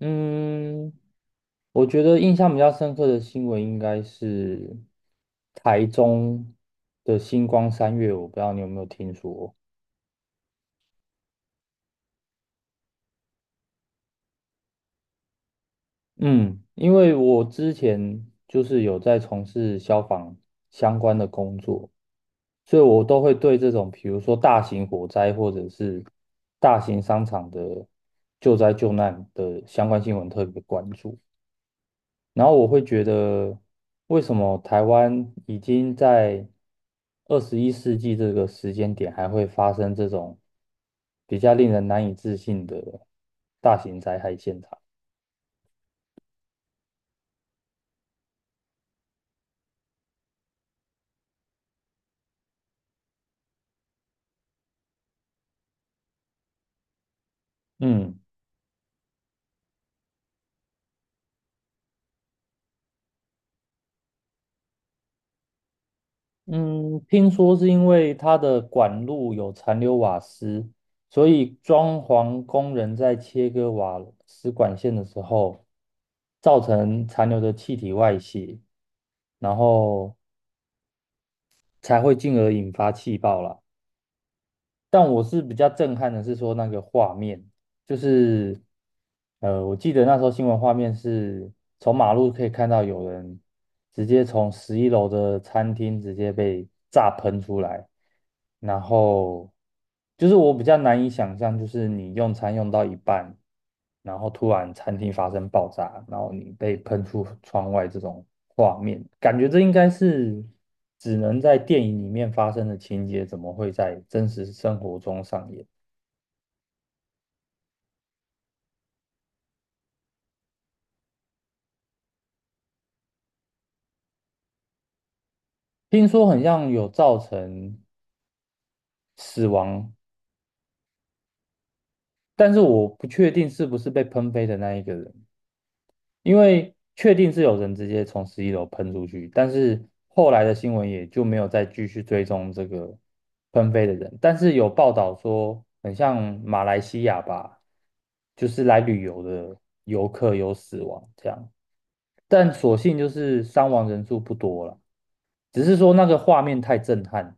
嗯，我觉得印象比较深刻的新闻应该是台中的星光三月，我不知道你有没有听说。嗯，因为我之前有在从事消防相关的工作，所以我都会对这种比如说大型火灾或者是大型商场的救灾救难的相关新闻特别关注。然后我会觉得，为什么台湾已经在21世纪这个时间点还会发生这种比较令人难以置信的大型灾害现场？嗯嗯，听说是因为它的管路有残留瓦斯，所以装潢工人在切割瓦斯管线的时候，造成残留的气体外泄，然后才会进而引发气爆啦。但我是比较震撼的是说那个画面，就是我记得那时候新闻画面是从马路可以看到有人直接从十一楼的餐厅直接被炸喷出来，然后我比较难以想象，就是你用餐用到一半，然后突然餐厅发生爆炸，然后你被喷出窗外这种画面，感觉这应该是只能在电影里面发生的情节，怎么会在真实生活中上演？听说很像有造成死亡，但是我不确定是不是被喷飞的那一个人，因为确定是有人直接从十一楼喷出去，但是后来的新闻也就没有再继续追踪这个喷飞的人，但是有报道说很像马来西亚吧，就是来旅游的游客有死亡这样，但所幸就是伤亡人数不多了，只是说那个画面太震撼。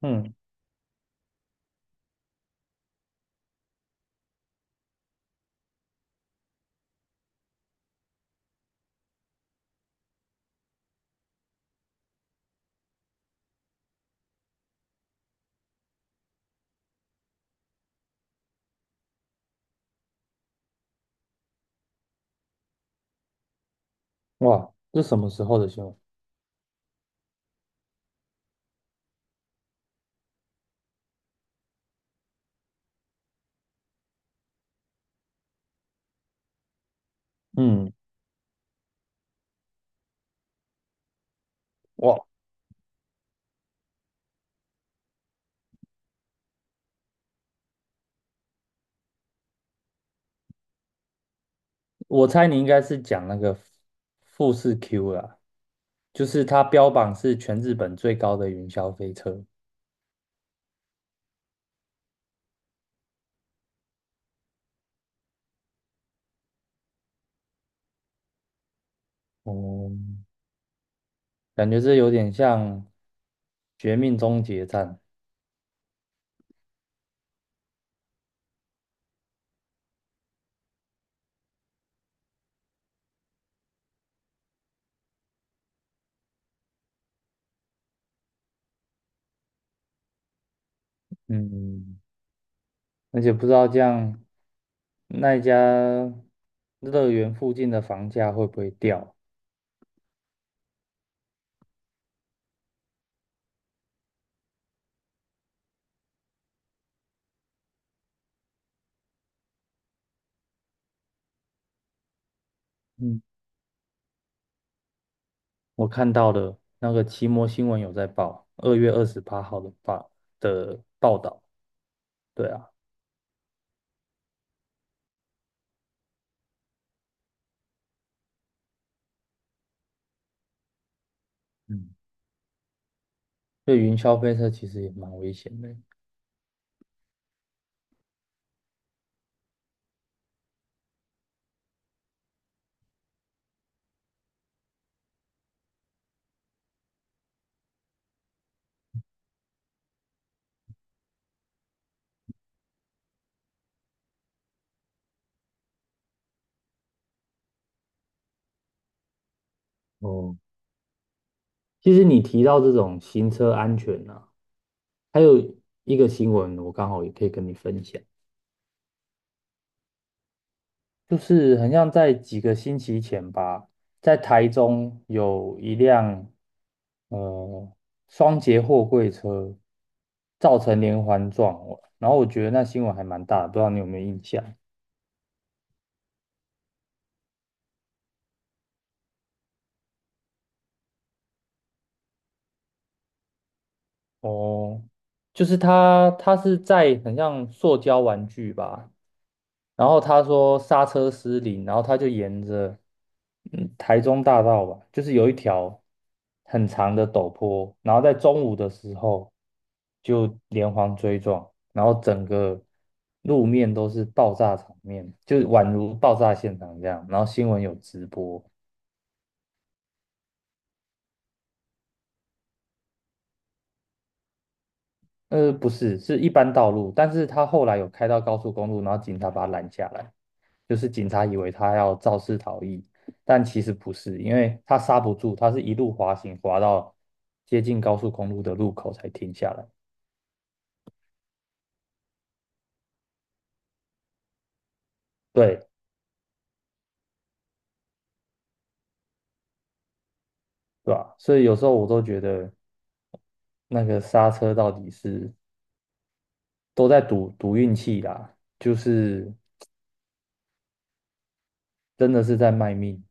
嗯，哇，这什么时候的新闻？嗯，我我猜你应该是讲那个富士 Q 啦，就是它标榜是全日本最高的云霄飞车。哦、感觉这有点像《绝命终结站》。嗯，而且不知道这样那一家乐园附近的房价会不会掉？嗯，我看到了那个奇摩新闻有在报，2月28号的报道。对啊，嗯，对云霄飞车其实也蛮危险的。哦，其实你提到这种行车安全呢、啊还有一个新闻，我刚好也可以跟你分享，就是很像在几个星期前吧，在台中有一辆呃双节货柜车造成连环撞，然后我觉得那新闻还蛮大的，不知道你有没有印象？哦，它是在很像塑胶玩具吧。然后他说刹车失灵，然后他就沿着台中大道吧，就是有一条很长的陡坡，然后在中午的时候就连环追撞，然后整个路面都是爆炸场面，就宛如爆炸现场这样。然后新闻有直播，呃，不是，是一般道路，但是他后来有开到高速公路，然后警察把他拦下来。就是警察以为他要肇事逃逸，但其实不是，因为他刹不住，他是一路滑行滑到接近高速公路的路口才停下来，对，是吧？所以有时候我都觉得那个刹车到底是都在赌运气啦，就是真的是在卖命。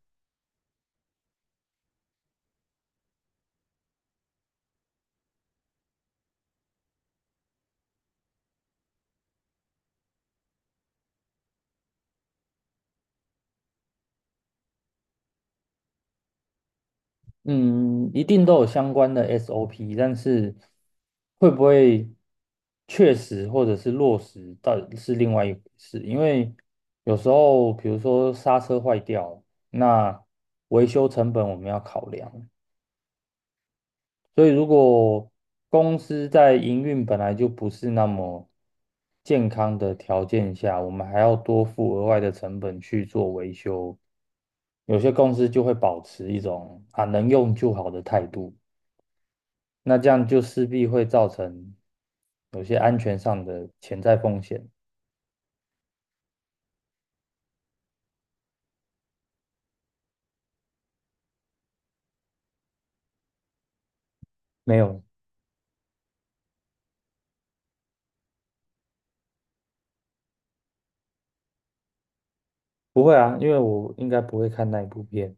嗯，一定都有相关的 SOP，但是会不会确实或者是落实，到底是另外一回事。因为有时候，比如说刹车坏掉，那维修成本我们要考量。所以，如果公司在营运本来就不是那么健康的条件下，我们还要多付额外的成本去做维修，有些公司就会保持一种啊能用就好的态度。那这样就势必会造成有些安全上的潜在风险。没有，不会啊，因为我应该不会看那一部片。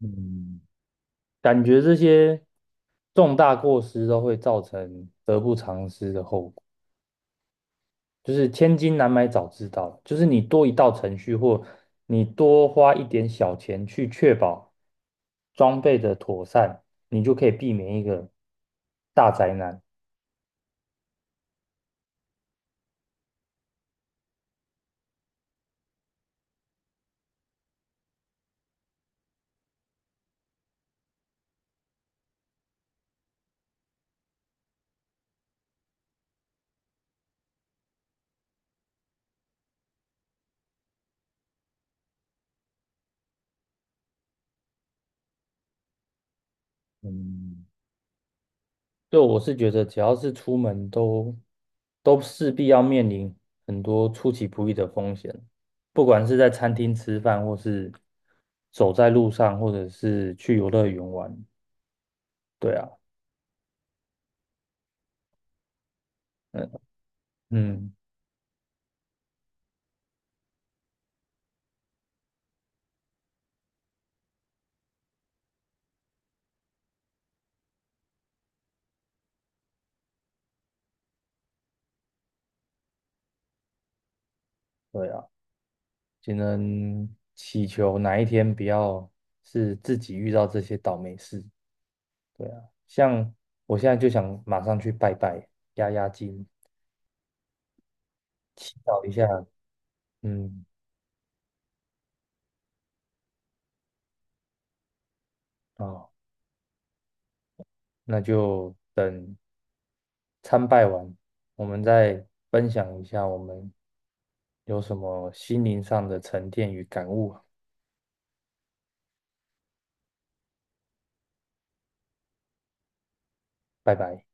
嗯，感觉这些重大过失都会造成得不偿失的后果，就是千金难买早知道，就是你多一道程序或你多花一点小钱去确保装备的妥善，你就可以避免一个大灾难。嗯。对，我是觉得只要是出门都势必要面临很多出其不意的风险，不管是在餐厅吃饭，或是走在路上，或者是去游乐园玩。对啊，嗯嗯，对啊，只能祈求哪一天不要是自己遇到这些倒霉事。对啊，像我现在就想马上去拜拜，压压惊，祈祷一下。嗯，哦，那就等。参拜完，我们再分享一下我们有什么心灵上的沉淀与感悟啊。拜拜。